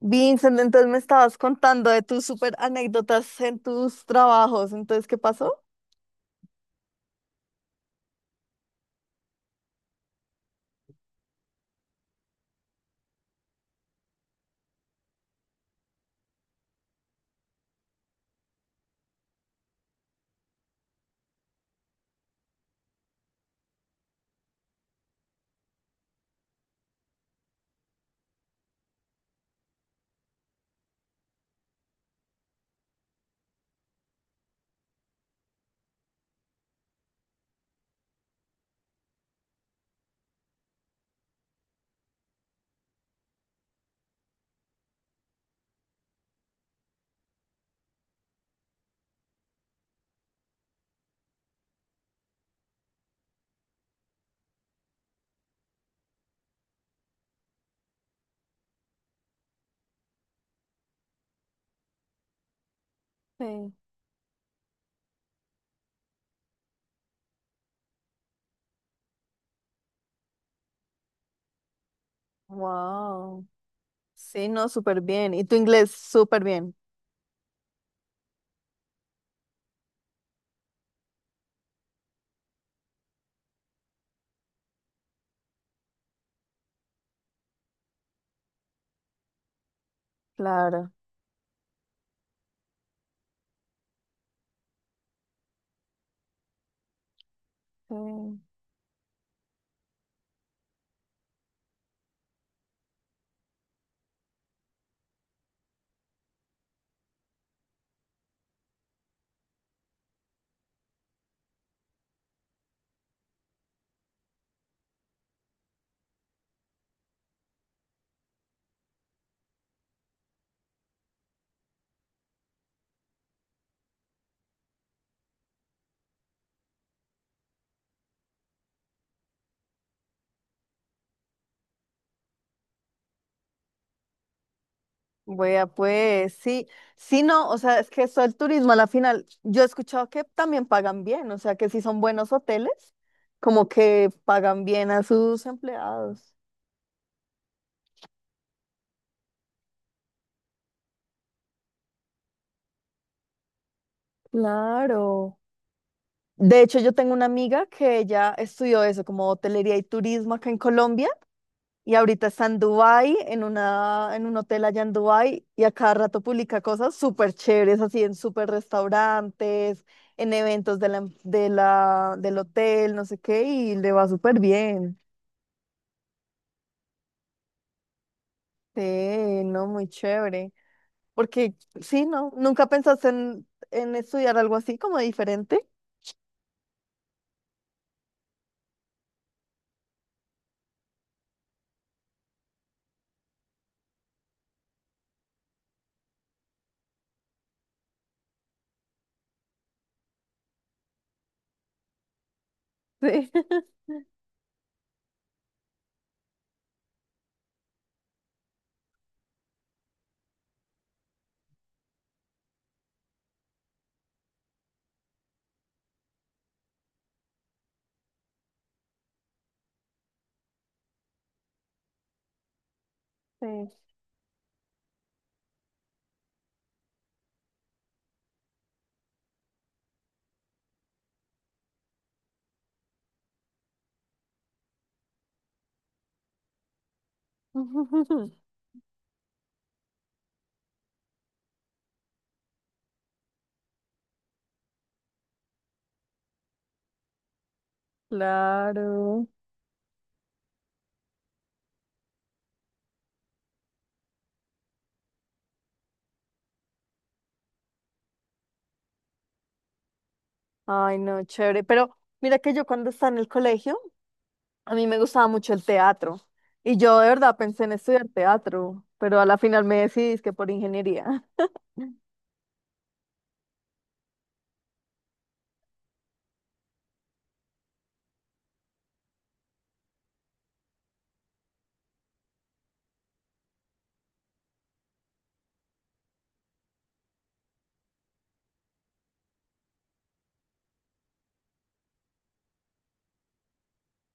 Vincent, entonces me estabas contando de tus super anécdotas en tus trabajos. Entonces, ¿qué pasó? Sí. Wow. Sí, no, súper bien. Y tu inglés, súper bien. Claro. Sí. Vea, pues sí, sí, no, o sea, es que eso el turismo a la final, yo he escuchado que también pagan bien, o sea, que si son buenos hoteles, como que pagan bien a sus empleados. Claro. De hecho, yo tengo una amiga que ella estudió eso, como hotelería y turismo acá en Colombia. Y ahorita está en Dubái, en un hotel allá en Dubái, y a cada rato publica cosas súper chéveres, así en súper restaurantes, en eventos de la, del hotel, no sé qué, y le va súper bien. Sí, no, muy chévere. Porque, sí, ¿no? ¿Nunca pensaste en estudiar algo así como diferente? Sí. Sí. Claro. Ay, no, chévere. Pero mira que yo cuando estaba en el colegio, a mí me gustaba mucho el teatro y yo de verdad pensé en estudiar teatro, pero a la final me decidí que por ingeniería.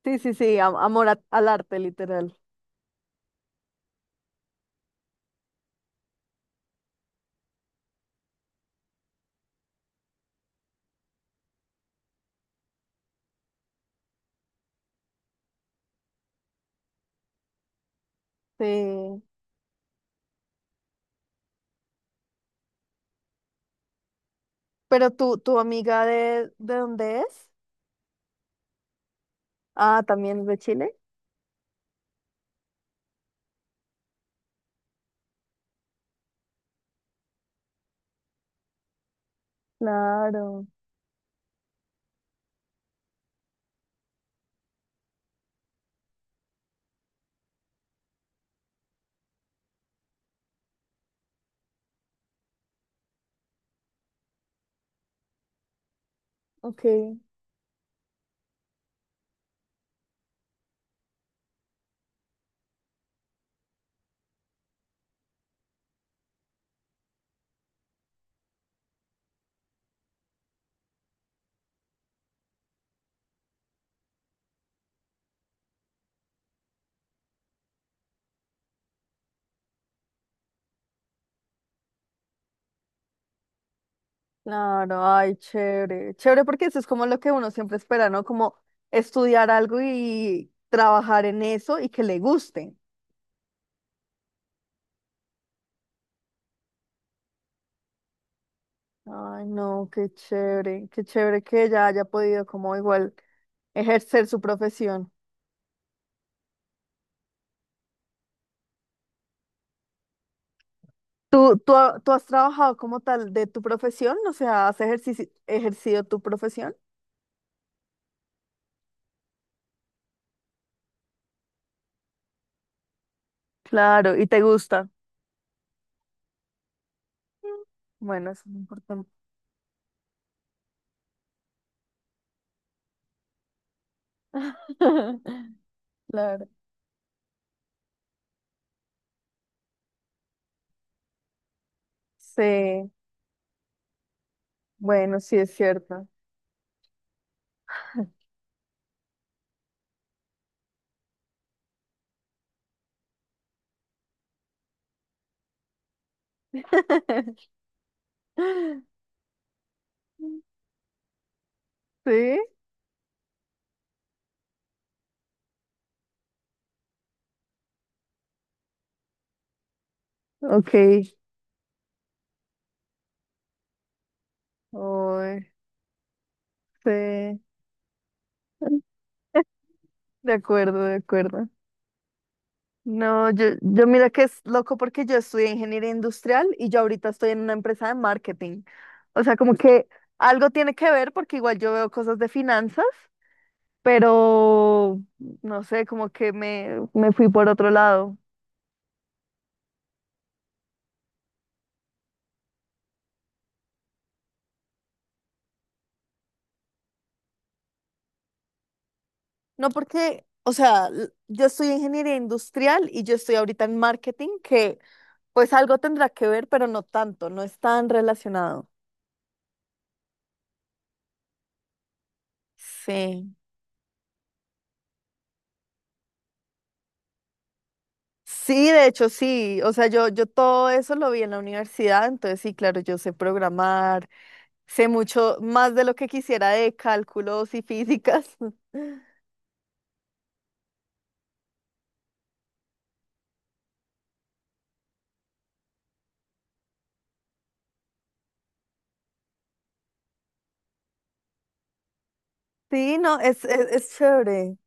Sí, sí, sí, amor al arte, literal. Sí. Pero tú, tu amiga ¿de dónde es? Ah, también es de Chile. Claro, ok, claro, ay, chévere, chévere porque eso es como lo que uno siempre espera, ¿no? Como estudiar algo y trabajar en eso y que le guste. Ay, no, qué chévere que ella haya podido como igual, ejercer su profesión. ¿Tú has trabajado como tal de tu profesión? O sea, ¿has ejercido tu profesión? Claro, y te gusta. Bueno, eso es lo importante. Claro. Sí, bueno, sí es cierto. Sí, ok. Uy, sí, de acuerdo, de acuerdo. No, yo, mira que es loco porque yo estudié ingeniería industrial y yo ahorita estoy en una empresa de marketing. O sea, como que algo tiene que ver porque igual yo veo cosas de finanzas, pero no sé, como que me fui por otro lado. No porque, o sea, yo estudié ingeniería industrial y yo estoy ahorita en marketing, que pues algo tendrá que ver, pero no tanto, no es tan relacionado. Sí. Sí, de hecho sí, o sea, yo todo eso lo vi en la universidad, entonces sí, claro, yo sé programar, sé mucho más de lo que quisiera de cálculos y físicas. Sí, no, es chévere.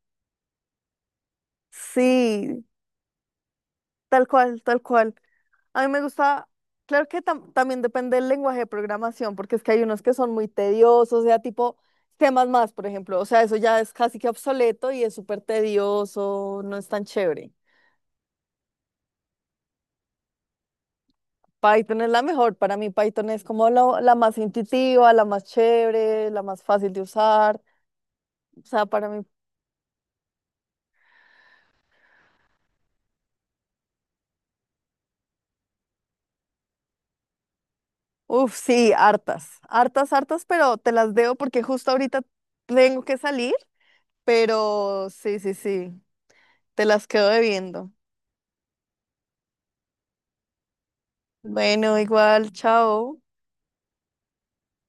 Sí, tal cual, tal cual. A mí me gusta, claro que también depende del lenguaje de programación, porque es que hay unos que son muy tediosos, o sea, tipo temas más, por ejemplo, o sea, eso ya es casi que obsoleto y es súper tedioso, no es tan chévere. Python es la mejor. Para mí Python es como la más intuitiva, la más chévere, la más fácil de usar. O sea, para mí, uff, sí, hartas, hartas, hartas, pero te las debo porque justo ahorita tengo que salir, pero sí, sí, sí, te las quedo debiendo. Bueno, igual, chao.